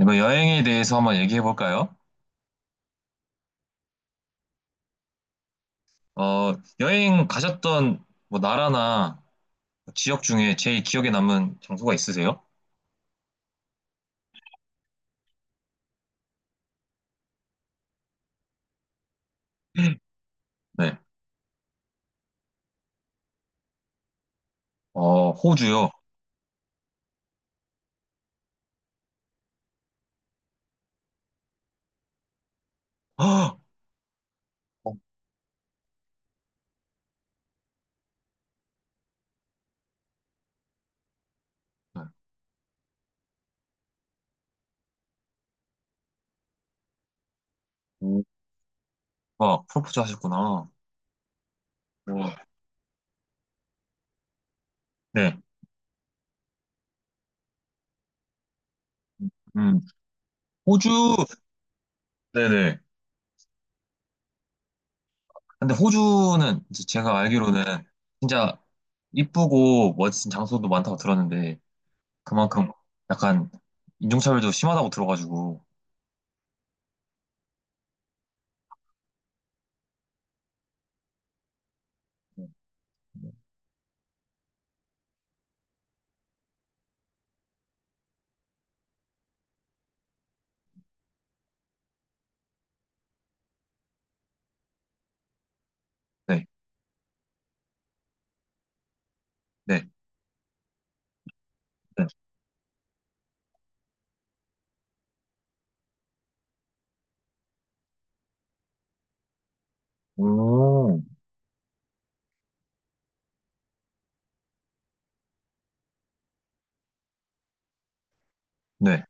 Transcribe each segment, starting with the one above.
이거 여행에 대해서 한번 얘기해 볼까요? 어, 여행 가셨던 뭐 나라나 지역 중에 제일 기억에 남는 장소가 있으세요? 네. 어, 호주요. 헉! 어, 네. 오, 아, 프로포즈 하셨구나. 우와. 네. 음, 호주, 네네. 근데 호주는 이제 제가 알기로는 진짜 이쁘고 멋진 장소도 많다고 들었는데 그만큼 약간 인종차별도 심하다고 들어가지고. 네, 네, 네. 오. 네.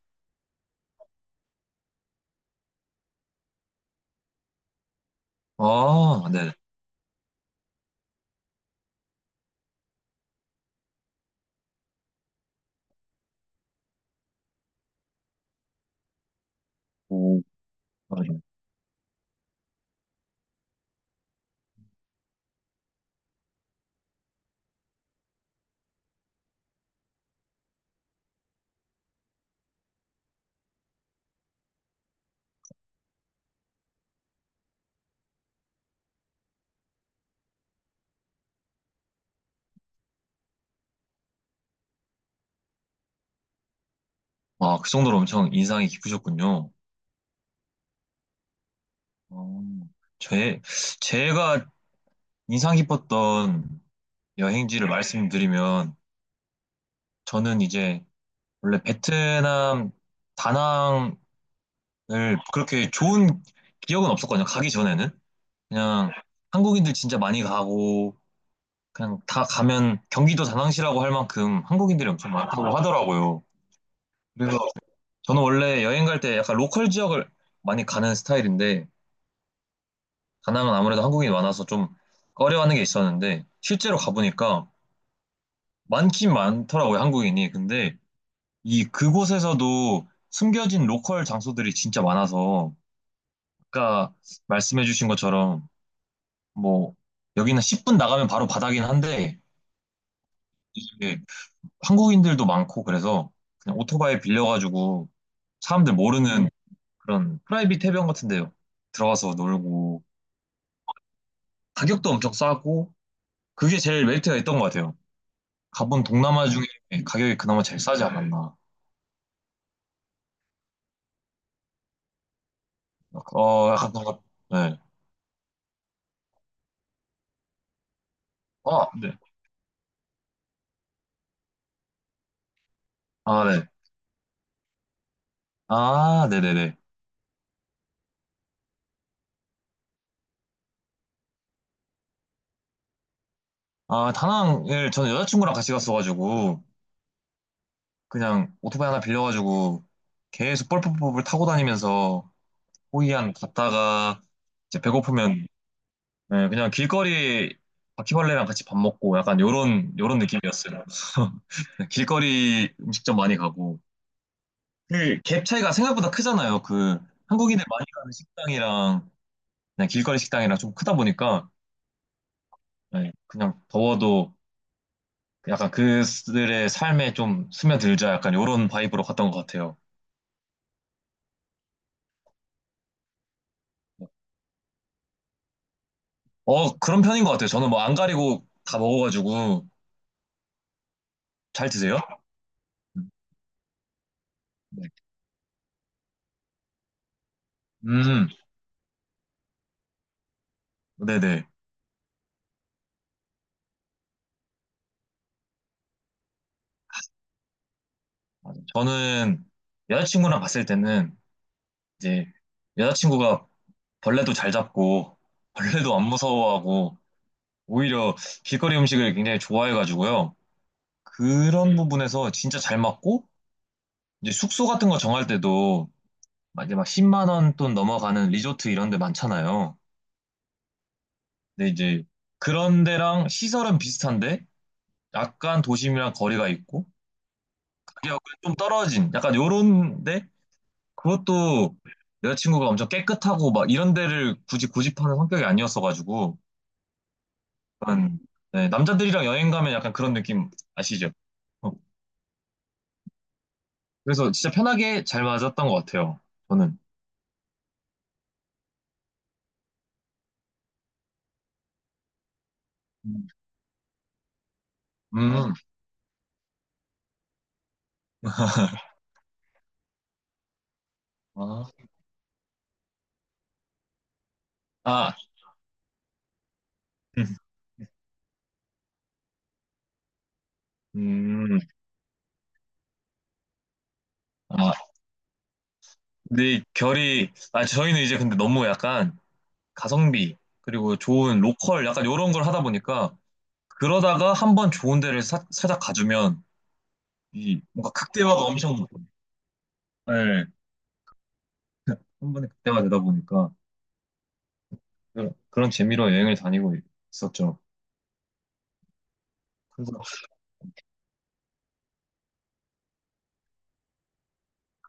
아, 네. 오, 맞아요. 아, 그 정도로 엄청 인상이 깊으셨군요. 어, 제, 제가 인상 깊었던 여행지를 말씀드리면, 저는 이제 원래 베트남 다낭을 그렇게 좋은 기억은 없었거든요. 가기 전에는. 그냥 한국인들 진짜 많이 가고, 그냥 다 가면 경기도 다낭시라고 할 만큼 한국인들이 엄청 많다고 하더라고요. 그래서 저는 원래 여행 갈 때 약간 로컬 지역을 많이 가는 스타일인데 다낭은 아무래도 한국인이 많아서 좀 꺼려하는 게 있었는데 실제로 가보니까 많긴 많더라고요 한국인이. 근데 이 그곳에서도 숨겨진 로컬 장소들이 진짜 많아서 아까 말씀해주신 것처럼, 뭐 여기는 10분 나가면 바로 바다긴 한데 이게 한국인들도 많고 그래서 그냥 오토바이 빌려가지고 사람들 모르는 그런 프라이빗 해변 같은 데요 들어가서 놀고 가격도 엄청 싸고 그게 제일 메리트가 있던 것 같아요. 가본 동남아 중에 가격이 그나마 제일 싸지 않았나. 어, 약간 뭔가 네. 아, 네. 아, 네. 아, 네네네. 아, 다낭을 저는 여자친구랑 같이 갔어가지고 그냥 오토바이 하나 빌려가지고 계속 뻘뻘뻘 타고 다니면서 호이안 갔다가 이제 배고프면, 네, 그냥 길거리 바퀴벌레랑 같이 밥 먹고 약간 요런 요런 느낌이었어요. 길거리 음식점 많이 가고. 그 갭 차이가 생각보다 크잖아요. 그 한국인들 많이 가는 식당이랑 그냥 길거리 식당이랑 좀 크다 보니까 네, 그냥 더워도 약간 그들의 삶에 좀 스며들자 약간 요런 바이브로 갔던 것 같아요. 어, 그런 편인 것 같아요. 저는 뭐 안 가리고 다 먹어가지고. 잘 드세요? 음, 네. 음, 네네. 맞아요. 저는 여자친구랑 갔을 때는 이제 여자친구가 벌레도 잘 잡고 벌레도 안 무서워하고 오히려 길거리 음식을 굉장히 좋아해가지고요. 그런 부분에서 진짜 잘 맞고, 이제 숙소 같은 거 정할 때도 막 이제 막 10만 원 돈 넘어가는 리조트 이런 데 많잖아요. 근데 이제 그런 데랑 시설은 비슷한데 약간 도심이랑 거리가 있고 가격은 좀 떨어진 약간 요런데 그것도 여자친구가 엄청 깨끗하고 막 이런 데를 굳이 고집하는 성격이 아니었어가지고 약간, 네, 남자들이랑 여행 가면 약간 그런 느낌 아시죠? 그래서 진짜 편하게 잘 맞았던 것 같아요. 저는. 음. 음. 아, 아, 음. 아, 근데 결이, 아, 저희는 이제 근데 너무 약간 가성비, 그리고 좋은 로컬, 약간 이런 걸 하다 보니까, 그러다가 한 번 좋은 데를 살짝 가주면, 이 뭔가 극대화가 엄청, 네, 한 번에 극대화 되다 보니까, 그런 재미로 여행을 다니고 있었죠. 그래서,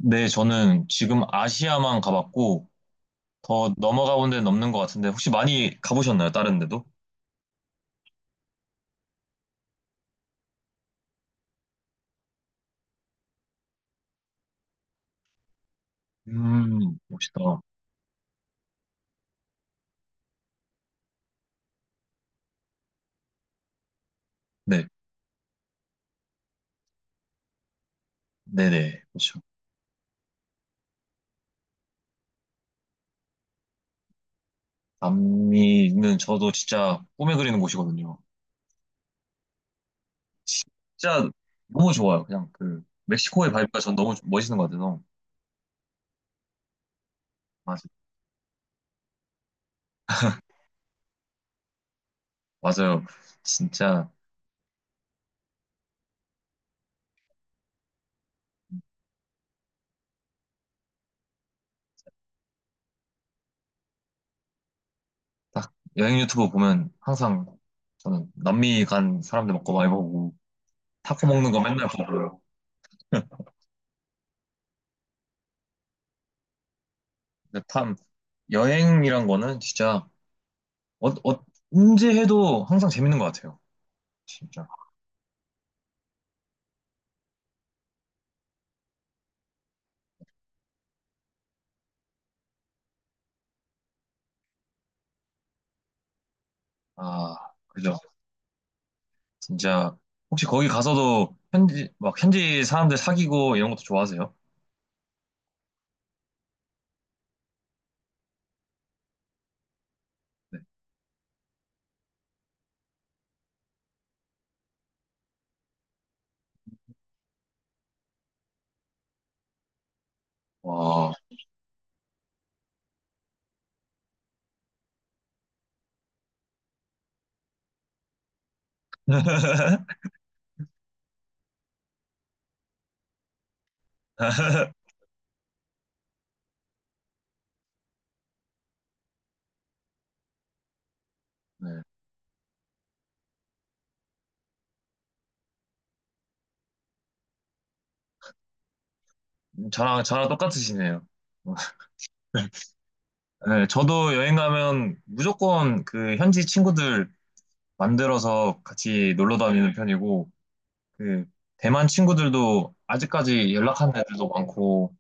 네, 저는 지금 아시아만 가봤고, 더 넘어가 본 데는 없는 것 같은데 혹시 많이 가보셨나요? 다른 데도? 멋있다. 네, 네네, 그렇죠. 남미는 저도 진짜 꿈에 그리는 곳이거든요. 진짜 너무 좋아요. 그냥 그 멕시코의 바이브가 전 너무 멋있는 것 같아서. 맞아, 맞아요. 진짜 딱. 여행 유튜브 보면 항상 저는 남미 간 사람들 먹고 많이 보고 타코 먹는 거 맨날 보고요. 근데 참 여행이란 거는 진짜 어, 어, 언제 해도 항상 재밌는 것 같아요. 진짜. 아, 그죠. 진짜 혹시 거기 가서도 현지 막 현지 사람들 사귀고 이런 것도 좋아하세요? 와. 네. 저랑 똑같으시네요. 네, 저도 여행 가면 무조건 그 현지 친구들 만들어서 같이 놀러 다니는 편이고, 그 대만 친구들도 아직까지 연락하는 애들도 많고,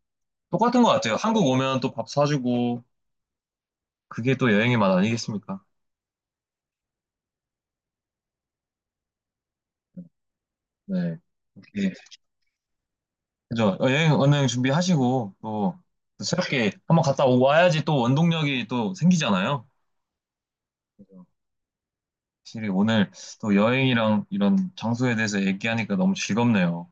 똑같은 것 같아요. 한국 오면 또 밥 사주고, 그게 또 여행의 맛 아니겠습니까? 네. 네. 그죠? 어, 여행, 언행 준비하시고, 또, 또 새롭게 한번 갔다 와야지 또 원동력이 또 생기잖아요. 그죠? 확실히 오늘 또 여행이랑 이런 장소에 대해서 얘기하니까 너무 즐겁네요.